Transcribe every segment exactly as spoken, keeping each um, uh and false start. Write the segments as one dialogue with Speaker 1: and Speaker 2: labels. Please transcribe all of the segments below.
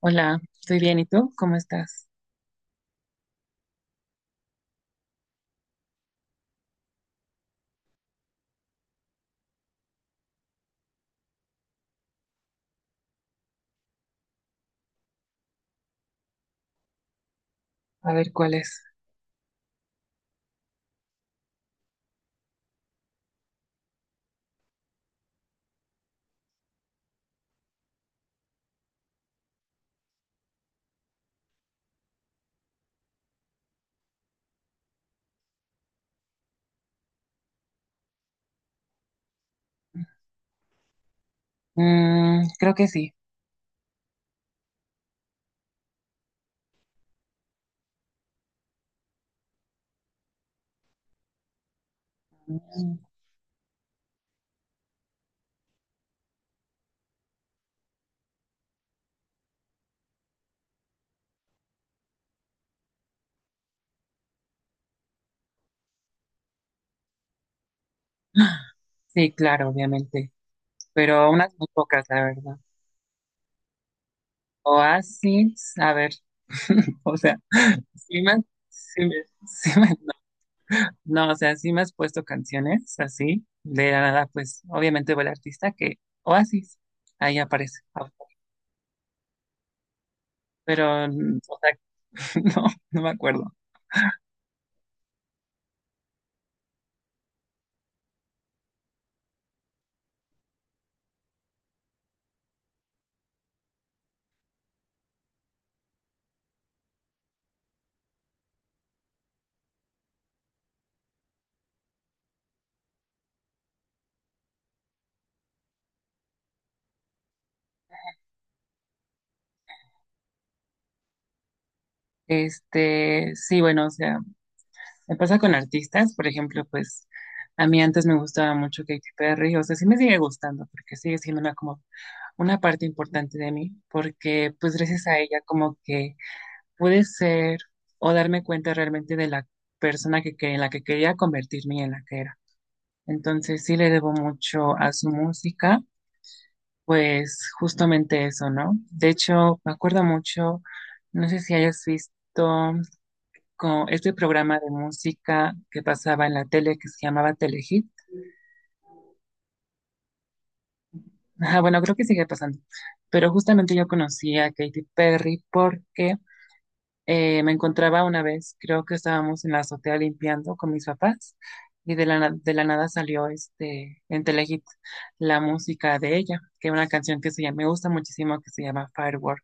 Speaker 1: Hola, estoy bien. ¿Y tú? ¿Cómo estás? A ver, ¿cuál es? Mm, creo que sí. Mm, sí, claro, obviamente. Pero unas muy pocas, la verdad. Oasis, a ver. O sea, sí me, sí me, sí me- no, no, o sea, sí me has puesto canciones así. De la nada, pues, obviamente fue el artista que Oasis. Ahí aparece. Pero, mm, o sea, no, no me acuerdo. Este, sí, bueno, o sea. Me pasa con artistas, por ejemplo, pues a mí antes me gustaba mucho Katy Perry, o sea, sí me sigue gustando porque sigue siendo una como una parte importante de mí, porque pues gracias a ella como que pude ser o darme cuenta realmente de la persona que, que- en la que quería convertirme y en la que era. Entonces sí le debo mucho a su música, pues justamente eso, ¿no? De hecho, me acuerdo mucho, no sé si hayas visto con este programa de música que pasaba en la tele que se llamaba Telehit. Ajá, bueno, creo que sigue pasando. Pero justamente yo conocí a Katy Perry porque eh, me encontraba una vez, creo que estábamos en la azotea limpiando con mis papás y de la, na- de la nada salió este, en Telehit la música de ella, que es una canción que se llama, me gusta muchísimo, que se llama Firework.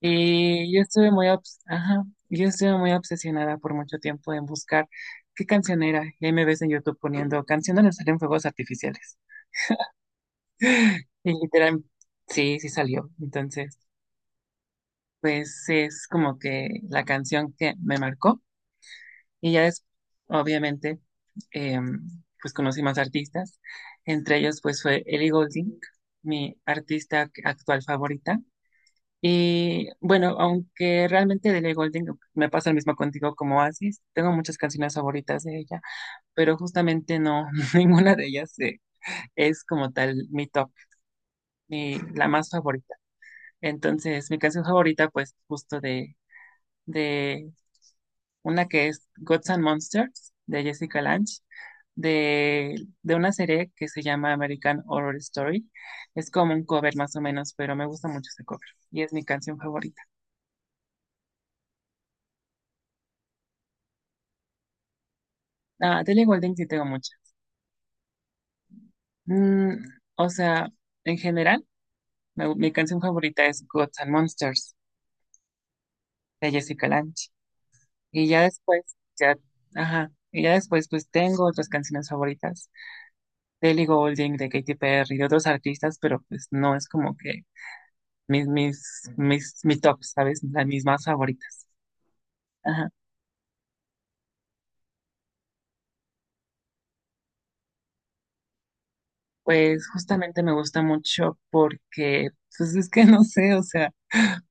Speaker 1: Y yo estuve muy, obs- ajá, yo estuve muy obsesionada por mucho tiempo en buscar qué canción era. Y ahí me ves en YouTube poniendo canción donde salen fuegos artificiales. Y literal, sí, sí salió. Entonces, pues es como que la canción que me marcó. Y ya es, obviamente, em, pues conocí más artistas. Entre ellos, pues fue Ellie Goulding, mi artista actual favorita. Y bueno, aunque realmente de Ellie Goulding me pasa lo mismo contigo como Asis, tengo muchas canciones favoritas de ella, pero justamente no, ninguna de ellas eh, es como tal mi top, ni la más favorita. Entonces, mi canción favorita, pues justo de, de una que es Gods and Monsters, de Jessica Lange, de, de una serie que se llama American Horror Story. Es como un cover más o menos, pero me gusta mucho ese cover y es mi canción favorita. Ah, de Ellie Goulding sí tengo muchas. Mm, o sea, en general, me- mi canción favorita es Gods and Monsters de Jessica Lange. Y ya después, ya, ajá, y ya después, pues tengo otras canciones favoritas de Ellie Goulding, de Katy Perry, de otros artistas, pero pues no es como que mis, mis, mis, mi top, ¿sabes? Las mis más favoritas. Ajá. Pues justamente me gusta mucho porque, pues es que no sé, o sea,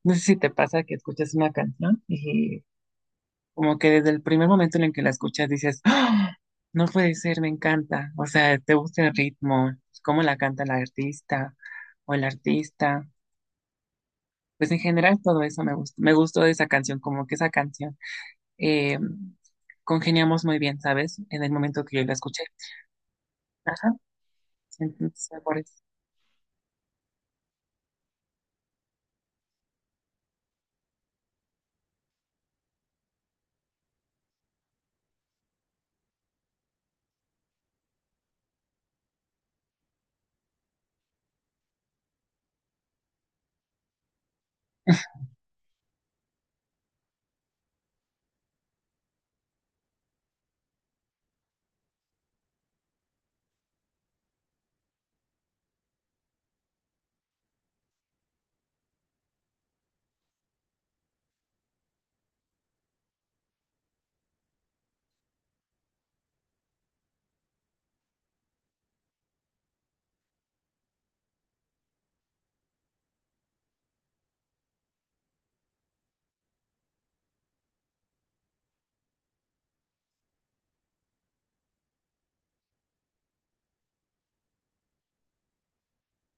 Speaker 1: no sé si te pasa que escuchas una canción y como que desde el primer momento en el que la escuchas dices, "Ah, no puede ser, me encanta." O sea, te gusta el ritmo, cómo la canta la artista o el artista. Pues en general todo eso me gustó, me gustó de esa canción, como que esa canción eh, congeniamos muy bien, ¿sabes? En el momento que yo la escuché. Ajá, entonces por eso.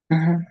Speaker 1: Ujú,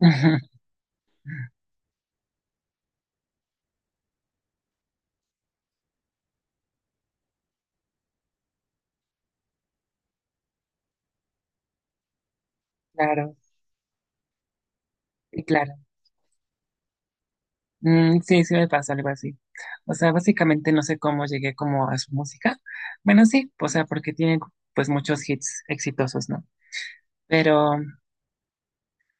Speaker 1: ujú. Claro, y claro. Mm, sí, sí me pasa algo así. O sea, básicamente no sé cómo llegué como a su música. Bueno, sí, o sea, porque tienen pues muchos hits exitosos, ¿no? Pero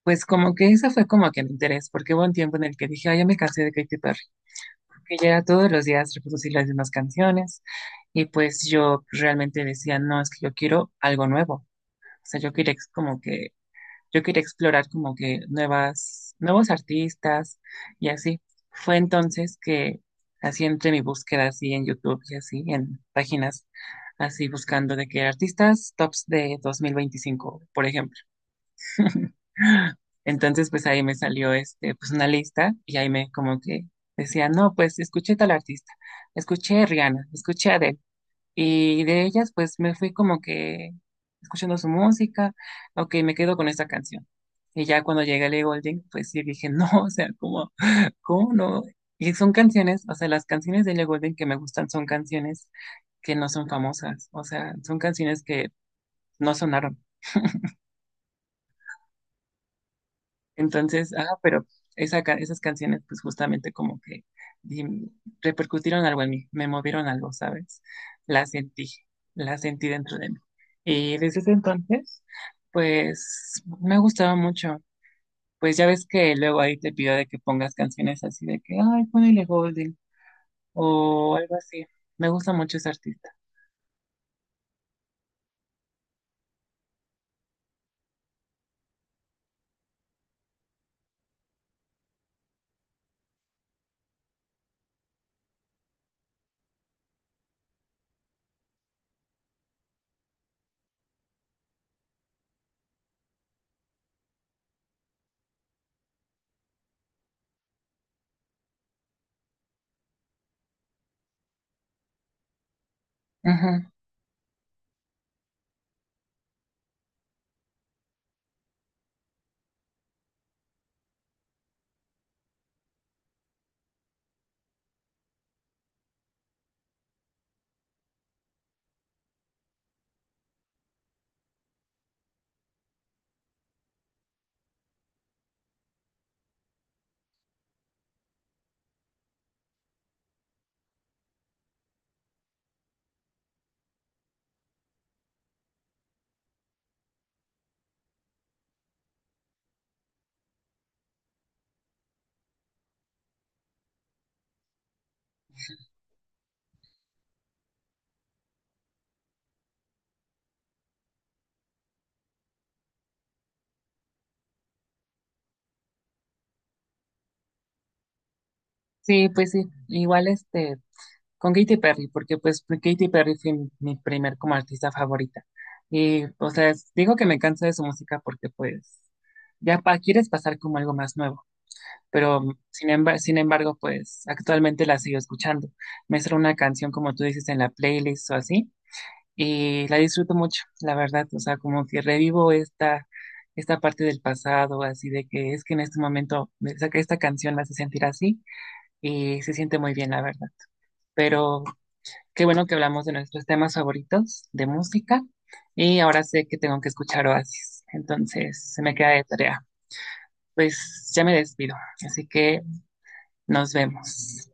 Speaker 1: pues como que ese fue como que el interés, porque hubo un tiempo en el que dije, ay, ya me cansé de Katy Perry, que ya era todos los días reproducir las mismas canciones y pues yo realmente decía, no, es que yo quiero algo nuevo. O sea, yo quería ex- como que yo quería explorar como que nuevas, nuevos artistas y así. Fue entonces que así entre mi búsqueda así en YouTube y así en páginas así buscando de que artistas tops de dos mil veinticinco por ejemplo. Entonces pues ahí me salió este pues una lista y ahí me como que decía, "No, pues escuché tal artista, escuché a Rihanna, escuché a y de ellas, pues me fui como que escuchando su música, ok, me quedo con esta canción." Y ya cuando llegué a Ellie Goulding, pues sí dije, no, o sea, ¿cómo, cómo no? Y son canciones, o sea, las canciones de Ellie Goulding que me gustan son canciones que no son famosas, o sea, son canciones que no sonaron. Entonces, ah, pero esa ca- esas canciones pues justamente como que di- repercutieron algo en mí, me movieron algo, ¿sabes? La sentí, la sentí dentro de mí. Y desde ese entonces, pues me gustaba mucho. Pues ya ves que luego ahí te pido de que pongas canciones así de que, ay, ponele Golden o algo así. Me gusta mucho ese artista. Ujú. Sí, pues sí. Igual este, Con Katy Perry, porque pues pues, Katy Perry fue mi, mi primer como artista favorita. Y, o sea, es- digo que me canso de su música porque pues ya pa- quieres pasar como algo más nuevo, pero mm, sin embargo, sin embargo, pues actualmente la sigo escuchando. Me sale una canción, como tú dices, en la playlist o así, y la disfruto mucho, la verdad, o sea, como que revivo esta, esta parte del pasado, así de que es que en este momento me saca esta canción, me hace sentir así, y se siente muy bien, la verdad. Pero, qué bueno que hablamos de nuestros temas favoritos de música y ahora sé que tengo que escuchar Oasis, entonces se me queda de tarea. Pues ya me despido, así que nos vemos.